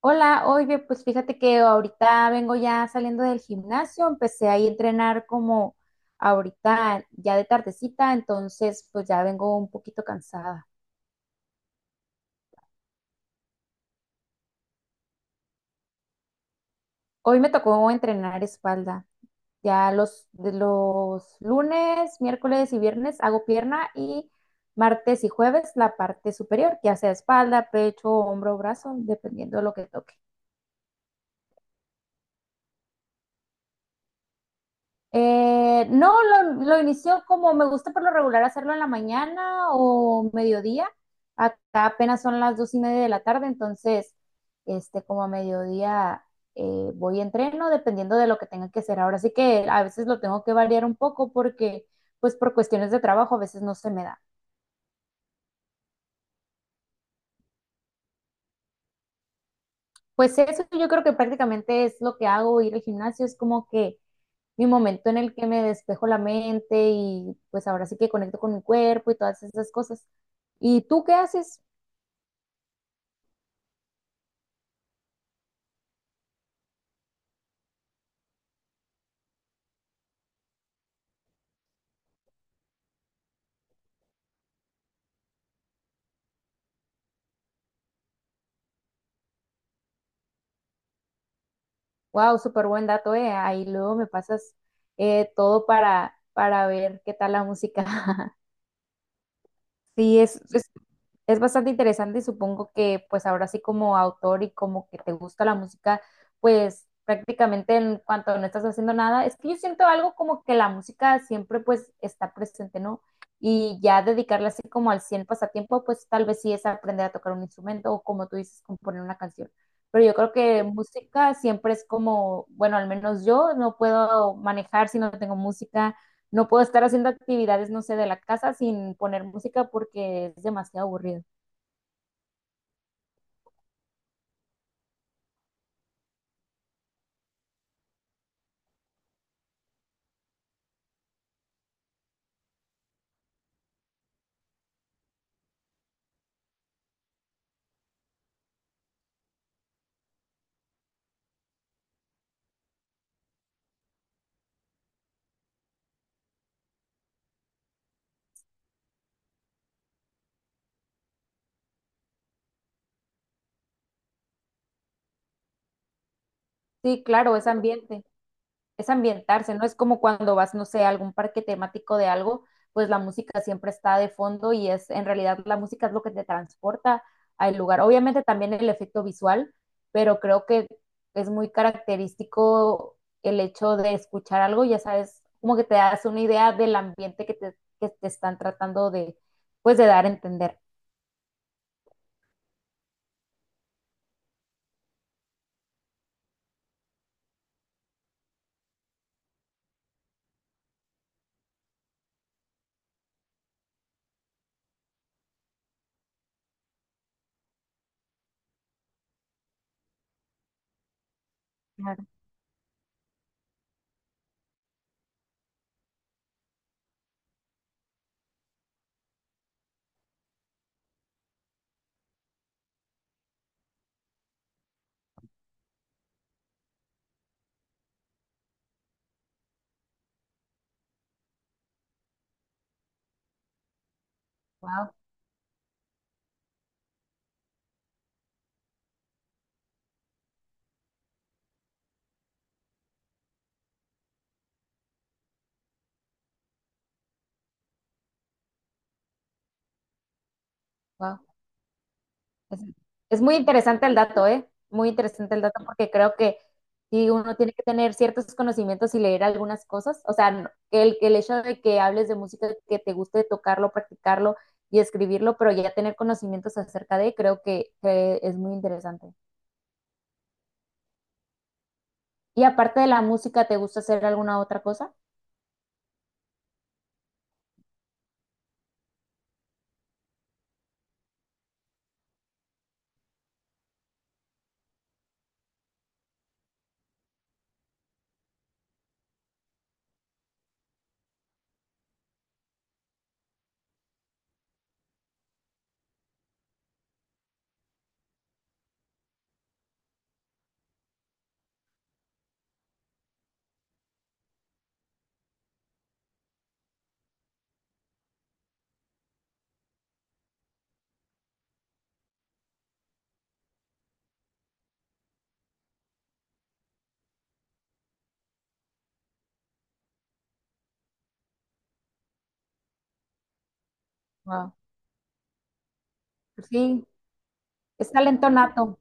Hola, oye, pues fíjate que ahorita vengo ya saliendo del gimnasio, empecé ahí a entrenar como ahorita ya de tardecita, entonces pues ya vengo un poquito cansada. Hoy me tocó entrenar espalda. De los lunes, miércoles y viernes hago pierna y martes y jueves la parte superior, ya sea espalda, pecho, hombro, brazo, dependiendo de lo que toque. No, lo inició como me gusta por lo regular hacerlo en la mañana o mediodía. Acá apenas son las 2:30 de la tarde, entonces, como a mediodía voy a entreno dependiendo de lo que tenga que hacer. Ahora sí que a veces lo tengo que variar un poco porque, pues, por cuestiones de trabajo a veces no se me da. Pues eso yo creo que prácticamente es lo que hago, ir al gimnasio, es como que mi momento en el que me despejo la mente y pues ahora sí que conecto con mi cuerpo y todas esas cosas. ¿Y tú qué haces? Wow, súper buen dato, eh. Ahí luego me pasas todo para ver qué tal la música. Sí, es bastante interesante y supongo que pues ahora sí como autor y como que te gusta la música, pues prácticamente en cuanto no estás haciendo nada, es que yo siento algo como que la música siempre pues está presente, ¿no? Y ya dedicarle así como al 100 pasatiempo, pues tal vez sí es aprender a tocar un instrumento o como tú dices, componer una canción. Pero yo creo que música siempre es como, bueno, al menos yo no puedo manejar si no tengo música, no puedo estar haciendo actividades, no sé, de la casa sin poner música porque es demasiado aburrido. Sí, claro, es ambiente, es ambientarse, ¿no? Es como cuando vas, no sé, a algún parque temático de algo, pues la música siempre está de fondo y es, en realidad la música es lo que te transporta al lugar. Obviamente también el efecto visual, pero creo que es muy característico el hecho de escuchar algo, ya sabes, como que te das una idea del ambiente que te están tratando de, pues de dar a entender. Claro. Wow, Es, es muy interesante el dato, ¿eh? Muy interesante el dato porque creo que sí, uno tiene que tener ciertos conocimientos y leer algunas cosas. O sea, no- el hecho de que hables de música, que te guste tocarlo, practicarlo y escribirlo, pero ya tener conocimientos acerca de, creo que es muy interesante. Y aparte de la música, ¿te gusta hacer alguna otra cosa? Wow. Sí, es talento nato.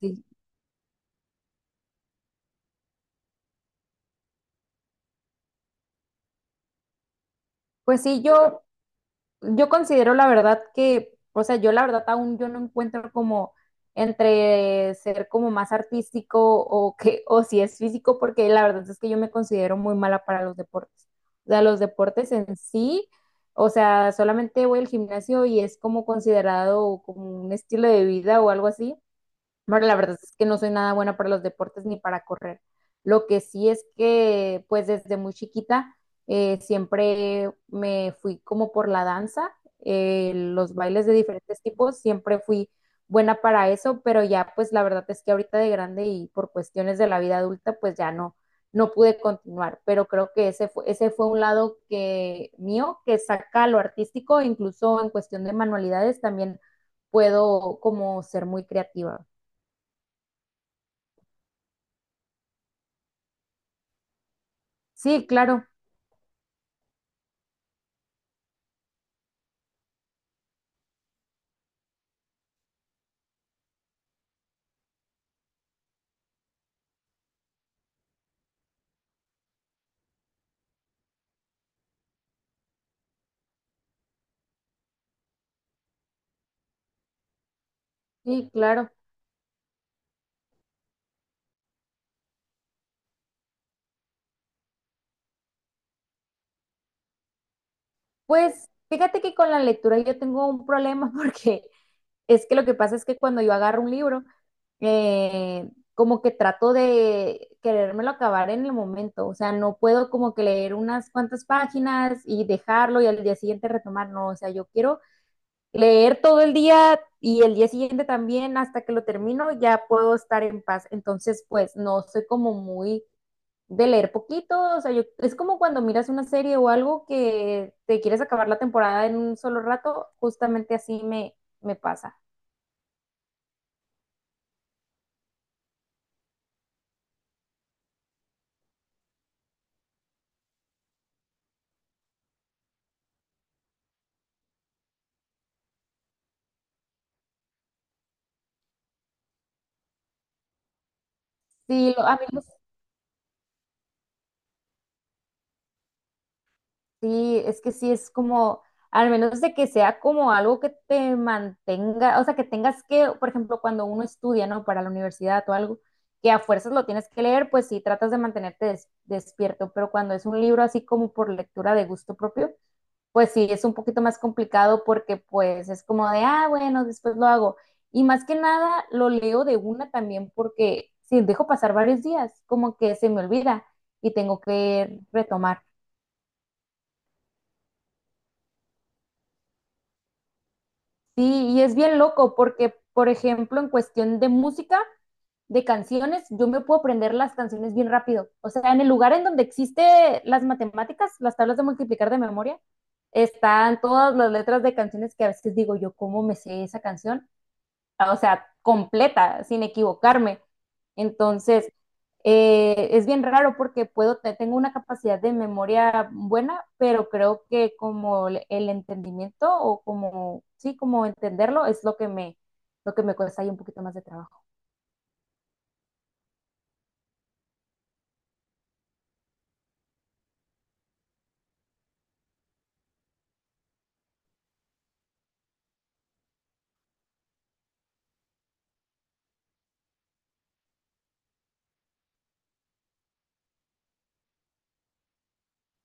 Sí. Pues sí, yo considero la verdad que, o sea, yo la verdad aún yo no encuentro como entre ser como más artístico o que, o si es físico, porque la verdad es que yo me considero muy mala para los deportes. O sea, los deportes en sí, o sea, solamente voy al gimnasio y es como considerado como un estilo de vida o algo así. Bueno, la verdad es que no soy nada buena para los deportes ni para correr. Lo que sí es que, pues desde muy chiquita, siempre me fui como por la danza, los bailes de diferentes tipos, siempre fui buena para eso, pero ya, pues la verdad es que ahorita de grande y por cuestiones de la vida adulta, pues ya no, no pude continuar. Pero creo que ese fue un lado que mío, que saca lo artístico, incluso en cuestión de manualidades, también puedo como ser muy creativa. Sí, claro, sí, claro. Pues fíjate que con la lectura yo tengo un problema porque es que lo que pasa es que cuando yo agarro un libro, eh, como que trato de querérmelo acabar en el momento, o sea, no puedo como que leer unas cuantas páginas y dejarlo y al día siguiente retomar, no, o sea, yo quiero leer todo el día y el día siguiente también hasta que lo termino ya puedo estar en paz, entonces pues no soy como muy de leer poquito, o sea, yo, es como cuando miras una serie o algo que te quieres acabar la temporada en un solo rato, justamente así me pasa. Sí, sí, es que sí es como, al menos de que sea como algo que te mantenga, o sea, que tengas que, por ejemplo, cuando uno estudia, ¿no? Para la universidad o algo, que a fuerzas lo tienes que leer, pues sí, tratas de mantenerte despierto, pero cuando es un libro así como por lectura de gusto propio, pues sí, es un poquito más complicado porque pues es como de, ah, bueno, después lo hago. Y más que nada lo leo de una también porque si dejo pasar varios días, como que se me olvida y tengo que retomar. Sí, y es bien loco porque, por ejemplo, en cuestión de música, de canciones, yo me puedo aprender las canciones bien rápido. O sea, en el lugar en donde existe las matemáticas, las tablas de multiplicar de memoria, están todas las letras de canciones que a veces digo yo, ¿cómo me sé esa canción? O sea, completa, sin equivocarme. Entonces, es bien raro porque puedo, tengo una capacidad de memoria buena, pero creo que como el entendimiento o como, sí, como entenderlo es lo que me, cuesta ahí un poquito más de trabajo.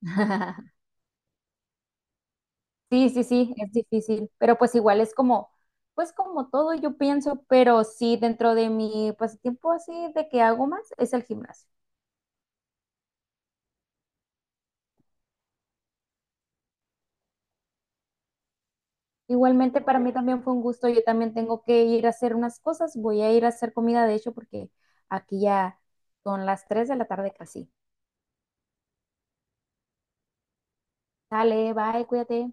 Sí, sí, sí, es difícil, pero pues igual es como, pues como todo yo pienso, pero sí, dentro de mi pasatiempo así de que hago más es el gimnasio. Igualmente para mí también fue un gusto, yo también tengo que ir a hacer unas cosas, voy a ir a hacer comida de hecho porque aquí ya son las 3 de la tarde casi. Dale, bye, cuídate.